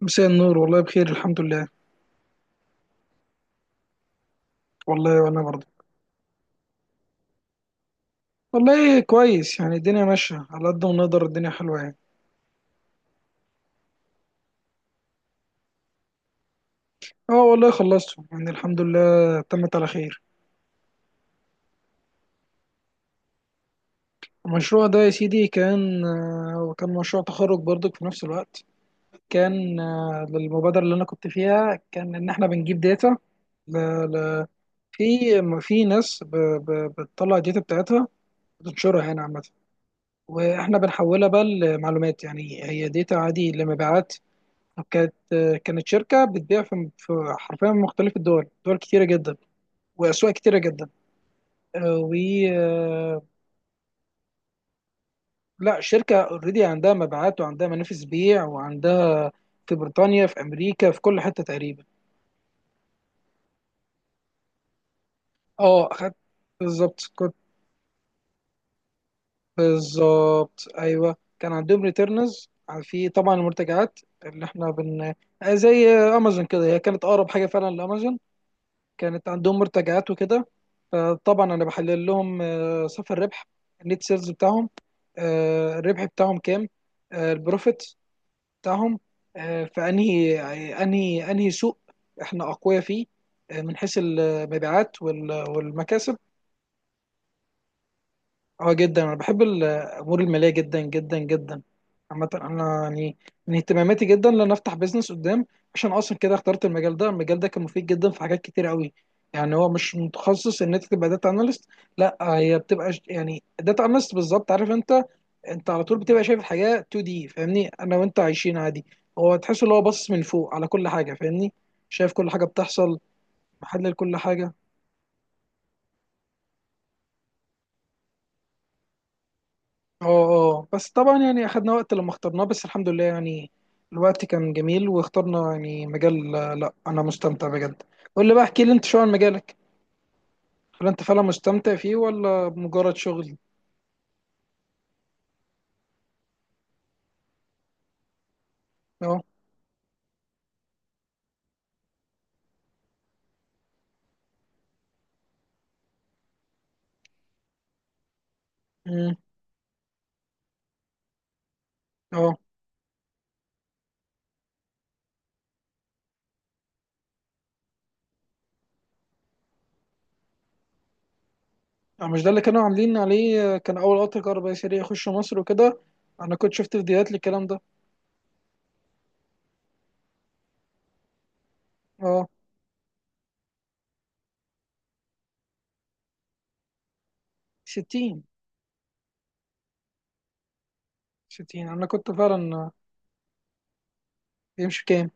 مساء النور، والله بخير الحمد لله. والله وانا برضه. والله كويس، يعني الدنيا ماشية على قد ما نقدر، الدنيا حلوة يعني. اه والله خلصته، يعني الحمد لله تمت على خير. المشروع ده يا سيدي كان مشروع تخرج برضك في نفس الوقت. كان للمبادرة اللي انا كنت فيها، كان ان احنا بنجيب داتا ل... ل... في ناس بتطلع الداتا بتاعتها وتنشرها هنا عامة. واحنا بنحولها بقى لمعلومات، يعني هي داتا عادي لمبيعات. كانت كانت شركة بتبيع في حرفيا مختلف الدول، دول كتيرة جدا وأسواق كتيرة جدا. آه، و آه، لا، شركة اوريدي عندها مبيعات وعندها منافذ بيع وعندها في بريطانيا، في أمريكا، في كل حتة تقريبا. اه، خدت. بالظبط كنت بالظبط أيوه، كان عندهم ريتيرنز. في طبعا المرتجعات اللي احنا بن آه، زي أمازون كده، هي كانت أقرب حاجة فعلا لأمازون. كانت عندهم مرتجعات وكده. فطبعا انا بحلل لهم صافي الربح، النت سيلز بتاعهم، الربح بتاعهم كام، البروفيت بتاعهم، آه، فانهي انهي انهي سوق احنا اقوياء فيه، من حيث المبيعات والمكاسب. اه جدا، انا بحب الامور الماليه جدا جدا جدا. عامه انا يعني من اهتماماتي جدا ان انا افتح بيزنس قدام. عشان اصلا كده اخترت المجال ده، المجال ده كان مفيد جدا في حاجات كتير قوي. يعني هو مش متخصص ان انت تبقى داتا اناليست، لا هي بتبقى يعني داتا اناليست بالظبط، عارف انت؟ انت على طول بتبقى شايف الحاجه 2 دي، فاهمني؟ انا وانت عايشين عادي، هو تحس ان هو باصص من فوق على كل حاجه، فاهمني؟ شايف كل حاجه بتحصل، محلل كل حاجه. اه، اه، بس طبعا يعني اخدنا وقت لما اخترناه، بس الحمد لله يعني الوقت كان جميل واخترنا يعني مجال. لا انا مستمتع بجد. قول لي بقى، احكي لي انت شو عن مجالك. هل انت فعلا مستمتع فيه ولا مجرد شغل؟ اه. امم. اه. مش ده اللي كانوا عاملين عليه؟ كان اول قطر كهربائي سريع يخش مصر وكده، انا كنت شفت فيديوهات للكلام ده. اه، 60 60 انا كنت فعلا بيمشي كام؟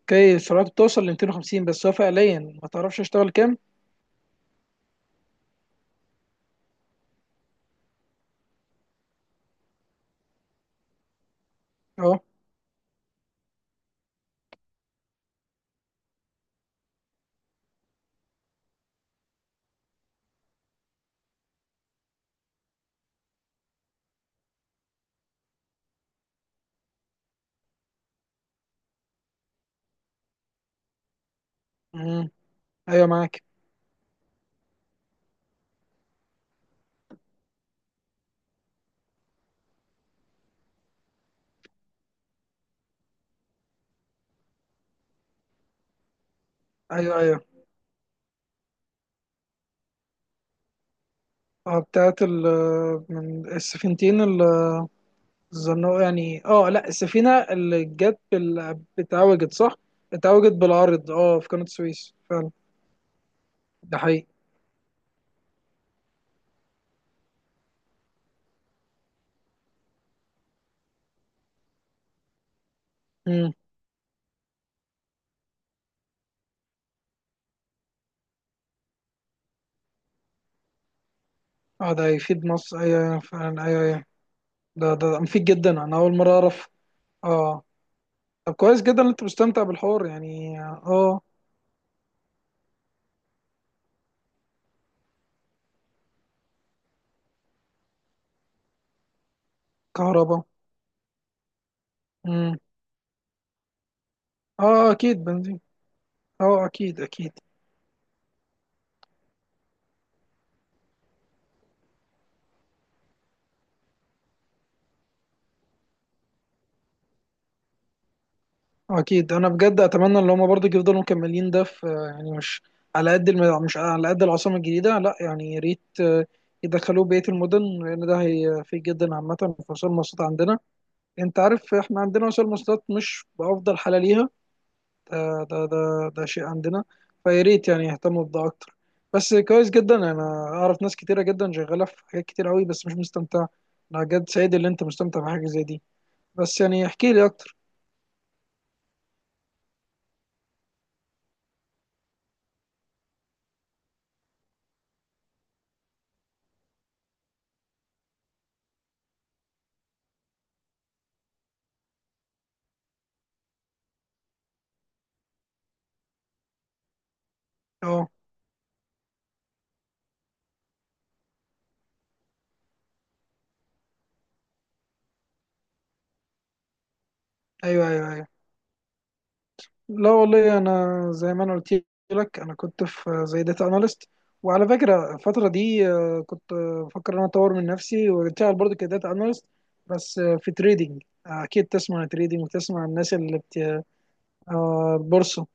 اوكي، سرعته بتوصل ل 250. بس هو فعليا ما تعرفش اشتغل كام. اه. امم. ايوه معاك. ايوه، ايوه. اه، بتاعت ال... من السفينتين الزنوقة يعني. اه لا، السفينة اللي جت بال... اتعوجت، صح؟ اتعوجت بالعرض، اه، في قناة السويس فعلا. ده حقيقي. امم. اه، ده هيفيد مصر، ايوه، ايوه، فعلا، ايوه، ايوه. ده مفيد جدا، انا اول مرة اعرف. اه. طب كويس جدا ان انت مستمتع بالحوار يعني، اه. كهرباء. امم. اه، اكيد بنزين. اه، اكيد، اكيد. اكيد، انا بجد اتمنى ان هم برضه يفضلوا مكملين ده في، يعني مش مش على قد العاصمه الجديده، لا يعني يا ريت يدخلوه بقيه المدن، لان ده هيفيد جدا عامه في وسائل المواصلات عندنا. انت عارف، احنا عندنا وسائل المواصلات مش بافضل حاله ليها، ده شيء عندنا. فيا ريت يعني يهتموا بده اكتر. بس كويس جدا، انا اعرف ناس كتيره جدا شغاله في حاجات كتير قوي بس مش مستمتعه. انا بجد سعيد ان انت مستمتع بحاجه زي دي. بس يعني احكي لي اكتر. اه، ايوه، ايوه، ايوه. لا والله، انا زي ما انا قلت لك، انا كنت في زي داتا اناليست، وعلى فكره الفتره دي كنت بفكر ان انا اطور من نفسي واشتغل برضه كداتا اناليست. بس في تريدينج، اكيد تسمع عن تريدينج وتسمع عن الناس اللي بت... البورصه.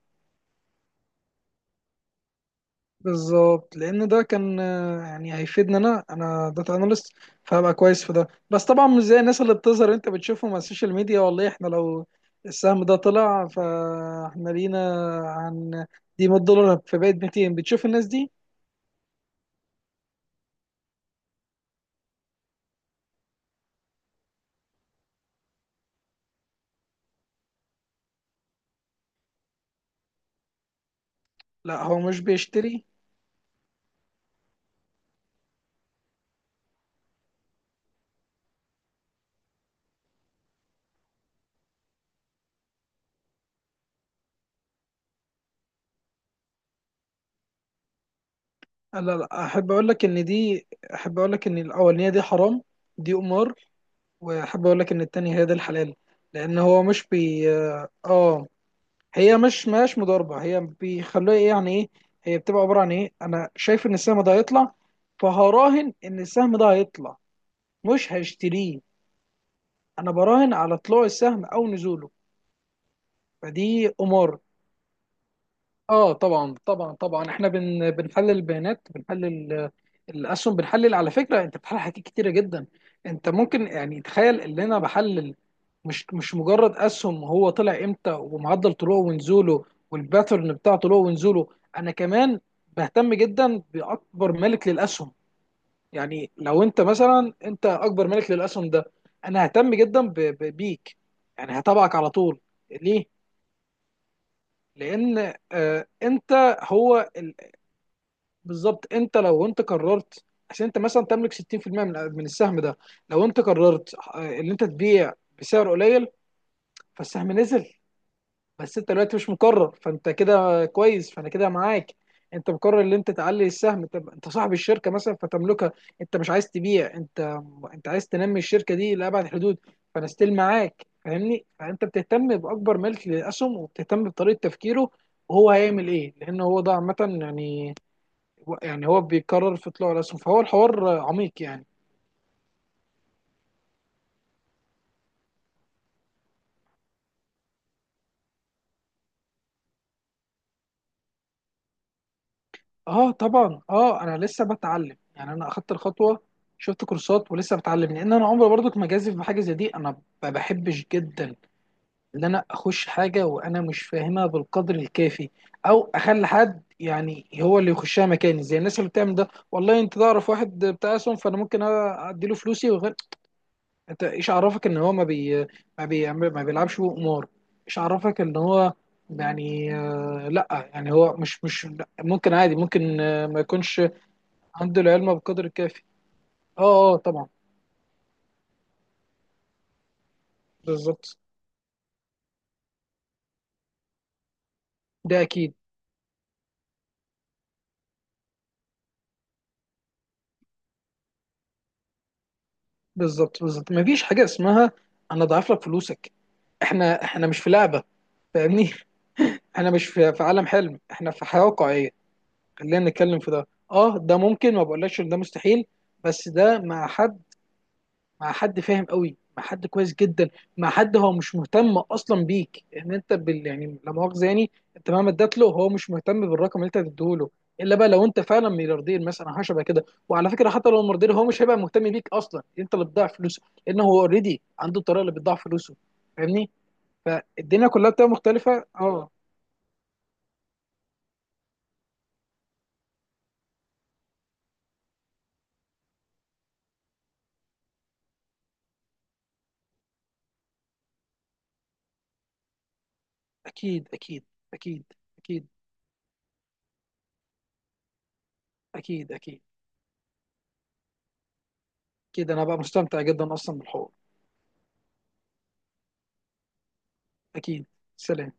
بالظبط، لان ده كان يعني هيفيدنا، انا داتا اناليست فهبقى كويس في ده. بس طبعا مش زي الناس اللي بتظهر، انت بتشوفهم على السوشيال ميديا، والله احنا لو السهم ده طلع فاحنا لينا عن دي 100 دولار فبقت 200، بتشوف الناس دي. لا، هو مش بيشتري. لا، لا، احب اقول لك ان دي، احب اقول لك ان الاولانيه دي حرام، دي قمار. واحب اقول لك ان التانية هي دي الحلال. لان هو مش بي... اه، هي مش مضاربه، هي بيخلوها ايه يعني ايه، هي بتبقى عباره عن ايه؟ انا شايف ان السهم ده هيطلع، فهراهن ان السهم ده هيطلع، مش هشتريه. انا براهن على طلوع السهم او نزوله، فدي قمار. اه طبعا، طبعا، طبعا، احنا بنحلل البيانات، بنحلل الاسهم. بنحلل على فكره، انت بتحلل حاجات كتيره جدا. انت ممكن يعني تخيل ان انا بحلل مش مجرد اسهم هو طلع امتى، ومعدل طلوعه ونزوله والباترن بتاع طلوعه ونزوله. انا كمان بهتم جدا باكبر مالك للاسهم. يعني لو انت مثلا انت اكبر مالك للاسهم ده، انا ههتم جدا بيك، يعني هتابعك على طول. ليه؟ لان انت هو، بالظبط، انت لو انت قررت، عشان انت مثلا تملك 60% من السهم ده، لو انت قررت ان انت تبيع بسعر قليل، فالسهم نزل. بس انت دلوقتي مش مقرر، فانت كده كويس، فانا كده معاك. انت مقرر ان انت تعلي السهم، طب انت صاحب الشركه مثلا فتملكها، انت مش عايز تبيع، انت انت عايز تنمي الشركه دي لابعد الحدود. فانا ستيل معاك، فاهمني؟ فانت بتهتم باكبر ملك للاسهم وبتهتم بطريقه تفكيره وهو هيعمل ايه، لان هو ده عامه يعني، يعني هو بيكرر في طلوع رسم، فهو الحوار عميق يعني. اه طبعا. اه، انا لسه بتعلم يعني، انا اخدت الخطوه، شفت كورسات ولسه بتعلم، لان انا عمري برضك ما جازف بحاجه زي دي. انا ما بحبش جدا ان انا اخش حاجه وانا مش فاهمها بالقدر الكافي، او اخلي حد يعني هو اللي يخشها مكاني زي الناس اللي بتعمل ده. والله انت تعرف واحد بتاع اسهم فانا ممكن ادي له فلوسي وغير، انت ايش عرفك ان هو ما بي، ما بيعمل، ما بيلعبش بقمار؟ ايش عرفك ان هو يعني لا، يعني هو مش مش لأ، ممكن عادي، ممكن ما يكونش عنده العلم بقدر الكافي. اه، اه، طبعا. بالظبط. ده اكيد. بالظبط، بالظبط، ما فيش حاجه اسمها انا اضعف لك فلوسك، احنا مش في لعبه، فاهمني؟ احنا مش في عالم حلم، احنا في حياه واقعيه. خلينا نتكلم في ده، اه ده ممكن، ما بقولكش ان ده مستحيل، بس ده مع حد، مع حد فاهم قوي، مع حد كويس جدا، مع حد هو مش مهتم اصلا بيك ان انت بال... يعني لا مؤاخذه يعني، انت مهما اديت له هو مش مهتم بالرقم اللي انت هتديه له، الا بقى لو انت فعلا ملياردير مثلا حاجه شبه كده. وعلى فكره، حتى لو ملياردير هو مش هيبقى مهتم بيك، اصلا انت اللي بتضيع فلوسه، لان هو اوريدي عنده الطريقه اللي بتضيع فلوسه، فاهمني؟ فالدنيا كلها بتبقى مختلفه، اه. اكيد، اكيد، اكيد، اكيد، اكيد، اكيد، اكيد، انا بقى مستمتع جدا اصلا بالحوار. اكيد. سلام.